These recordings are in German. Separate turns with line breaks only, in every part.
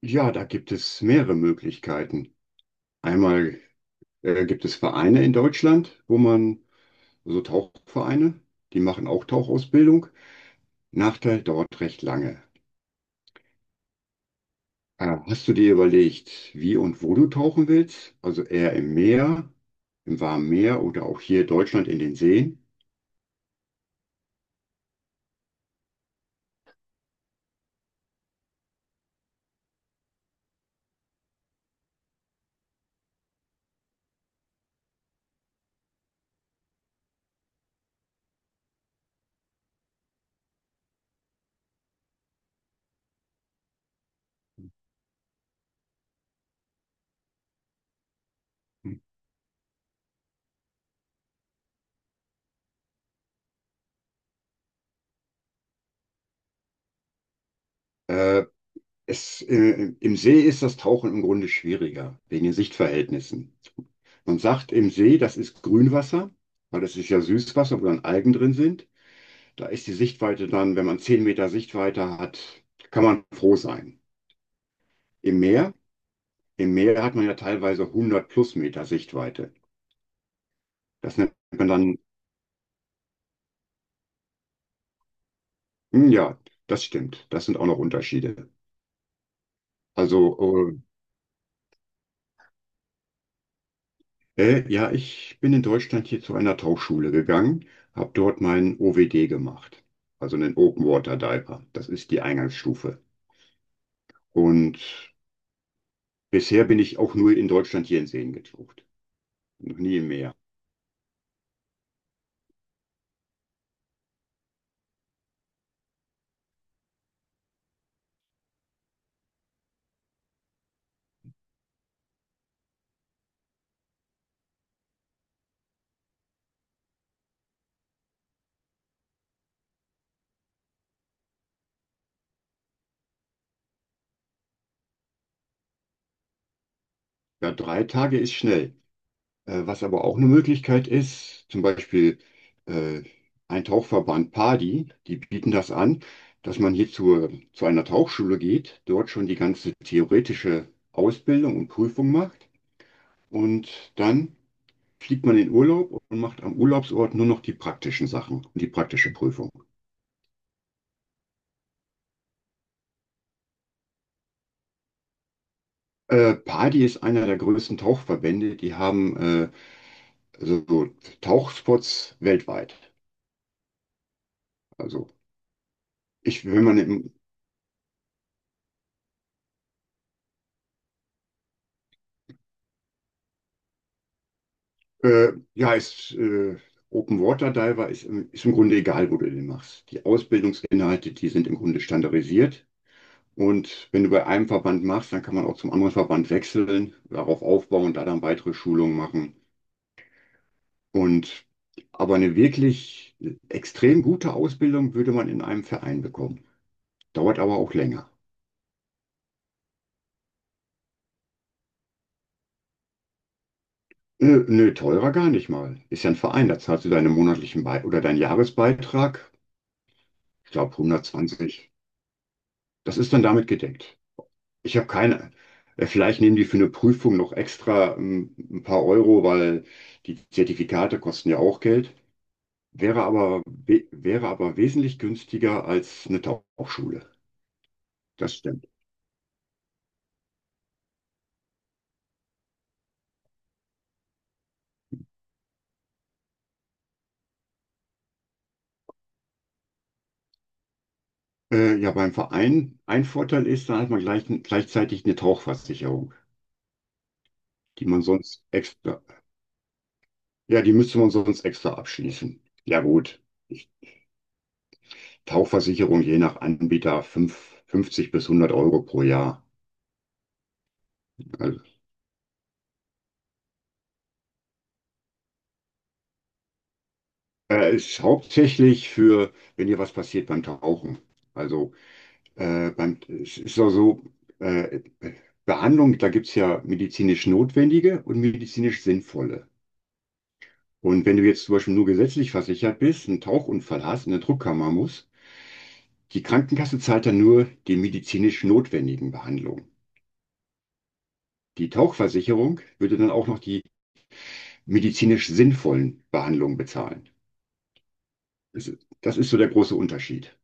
Ja, da gibt es mehrere Möglichkeiten. Einmal gibt es Vereine in Deutschland, wo man, so Tauchvereine, die machen auch Tauchausbildung. Nachteil dauert recht lange. Hast du dir überlegt, wie und wo du tauchen willst? Also eher im Meer, im warmen Meer oder auch hier in Deutschland in den Seen? Äh, Im See ist das Tauchen im Grunde schwieriger, wegen den Sichtverhältnissen. Man sagt im See, das ist Grünwasser, weil das ist ja Süßwasser, wo dann Algen drin sind. Da ist die Sichtweite dann, wenn man 10 Meter Sichtweite hat, kann man froh sein. Im Meer, im Meer hat man ja teilweise 100 plus Meter Sichtweite. Das nennt man dann, hm, ja, das stimmt. Das sind auch noch Unterschiede. Also, ja, ich bin in Deutschland hier zu einer Tauchschule gegangen, habe dort meinen OWD gemacht, also einen Open Water Diver. Das ist die Eingangsstufe. Und bisher bin ich auch nur in Deutschland hier in Seen getaucht, noch nie im Meer. Ja, 3 Tage ist schnell. Was aber auch eine Möglichkeit ist, zum Beispiel äh, ein Tauchverband PADI, die bieten das an, dass man hier zu einer Tauchschule geht, dort schon die ganze theoretische Ausbildung und Prüfung macht und dann fliegt man in Urlaub und macht am Urlaubsort nur noch die praktischen Sachen und die praktische Prüfung. PADI ist einer der größten Tauchverbände, die haben also so Tauchspots weltweit. Also ich, wenn man im ja, ist, Open Water Diver ist, ist im Grunde egal, wo du den machst. Die Ausbildungsinhalte, die sind im Grunde standardisiert. Und wenn du bei einem Verband machst, dann kann man auch zum anderen Verband wechseln, darauf aufbauen, da dann weitere Schulungen machen. Und aber eine wirklich extrem gute Ausbildung würde man in einem Verein bekommen. Dauert aber auch länger. Nö, nö, teurer gar nicht mal. Ist ja ein Verein, da zahlst du deinen monatlichen Be oder deinen Jahresbeitrag. Ich glaube 120. Das ist dann damit gedeckt. Ich habe keine. Vielleicht nehmen die für eine Prüfung noch extra ein paar Euro, weil die Zertifikate kosten ja auch Geld. Wäre aber wesentlich günstiger als eine Tauchschule. Das stimmt. Ja, beim Verein, ein Vorteil ist, da hat man gleichzeitig eine Tauchversicherung, die man sonst extra, ja, die müsste man sonst extra abschließen. Ja, gut. Tauchversicherung je nach Anbieter 50 bis 100 Euro pro Jahr. Also Ist hauptsächlich für, wenn dir was passiert beim Tauchen. Also Es ist auch so, äh, Behandlung, da gibt es ja medizinisch notwendige und medizinisch sinnvolle. Und wenn du jetzt zum Beispiel nur gesetzlich versichert bist, einen Tauchunfall hast, in eine Druckkammer musst, die Krankenkasse zahlt dann nur die medizinisch notwendigen Behandlungen. Die Tauchversicherung würde dann auch noch die medizinisch sinnvollen Behandlungen bezahlen. Das ist so der große Unterschied.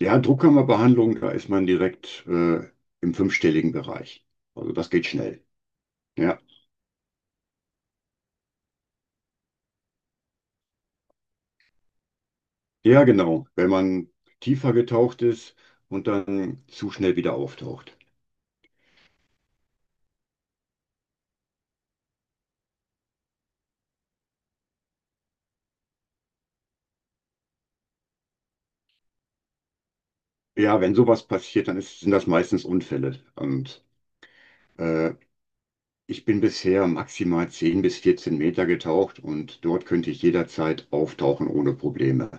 Ja, Druckkammerbehandlung, da ist man direkt im fünfstelligen Bereich. Also das geht schnell. Ja. Ja, genau. Wenn man tiefer getaucht ist und dann zu schnell wieder auftaucht. Ja, wenn sowas passiert, dann sind das meistens Unfälle. Und äh, ich bin bisher maximal 10 bis 14 Meter getaucht und dort könnte ich jederzeit auftauchen ohne Probleme.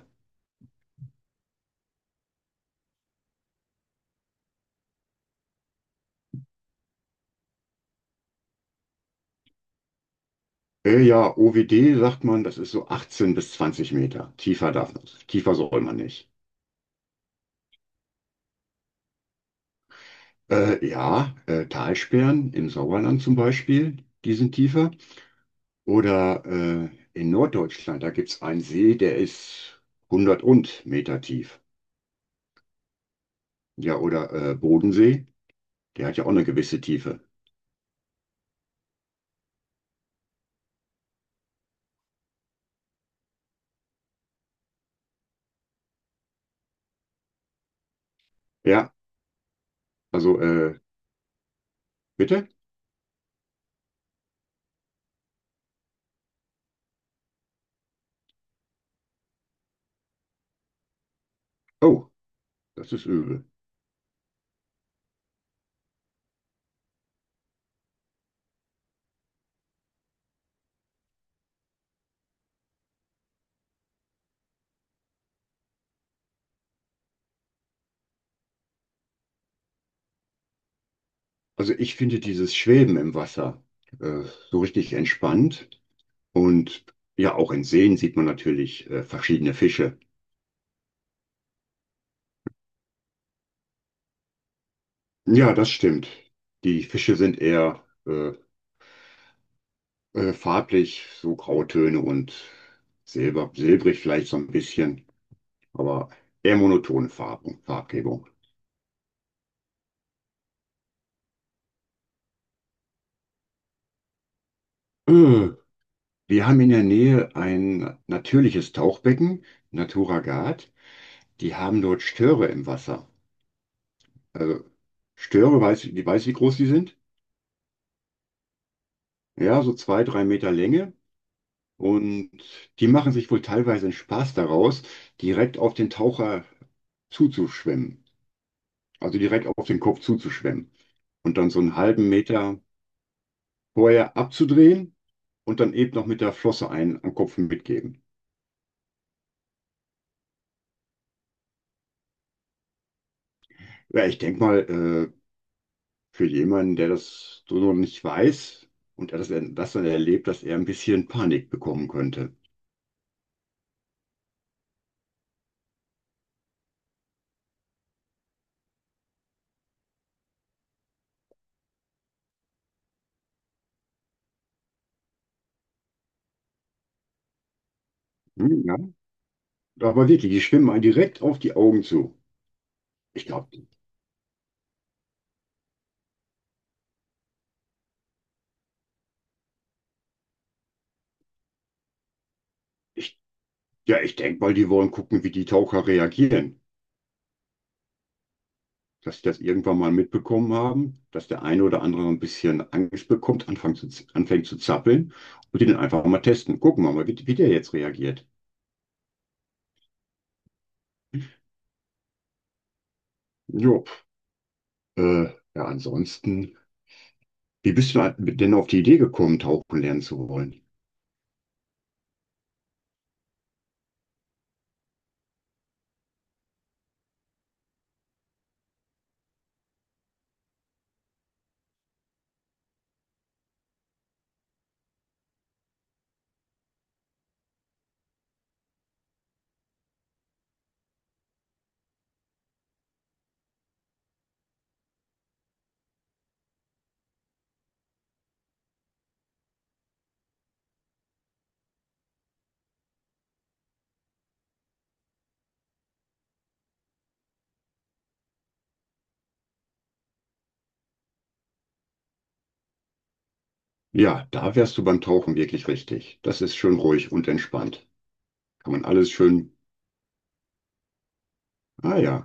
Ja, OWD sagt man, das ist so 18 bis 20 Meter. Tiefer soll man nicht. Ja, Talsperren im Sauerland zum Beispiel, die sind tiefer. Oder in Norddeutschland, da gibt es einen See, der ist 100 und Meter tief. Ja, oder Bodensee, der hat ja auch eine gewisse Tiefe. Ja, also äh, bitte? Oh, das ist übel. Also ich finde dieses Schweben im Wasser äh, so richtig entspannt. Und ja, auch in Seen sieht man natürlich verschiedene Fische. Ja, das stimmt. Die Fische sind eher farblich so Grautöne und Silber, silbrig vielleicht so ein bisschen, aber eher monotone Farben, Farbgebung. Äh, Wir haben in der Nähe ein natürliches Tauchbecken, Natura Gad. Die haben dort Störe im Wasser. Also Störe, die weiß, wie groß die sind? Ja, so 2, 3 Meter Länge. Und die machen sich wohl teilweise einen Spaß daraus, direkt auf den Taucher zuzuschwimmen. Also direkt auf den Kopf zuzuschwemmen und dann so einen halben Meter vorher abzudrehen und dann eben noch mit der Flosse einen am Kopf mitgeben. Ja, ich denke mal, äh, für jemanden, der das so noch nicht weiß und das dann erlebt, dass er ein bisschen Panik bekommen könnte. Hm, ja. Aber wirklich, die schwimmen einen direkt auf die Augen zu. Ich glaube, ich, ja, ich denke mal, die wollen gucken, wie die Taucher reagieren. Dass sie das irgendwann mal mitbekommen haben, dass der eine oder andere ein bisschen Angst bekommt, anfängt zu zappeln und die dann einfach mal testen. Gucken wir mal, wie der jetzt reagiert. Jo, äh, ja, ansonsten, wie bist du denn auf die Idee gekommen, tauchen lernen zu wollen? Ja, da wärst du beim Tauchen wirklich richtig. Das ist schön ruhig und entspannt. Kann man alles schön, ah ja.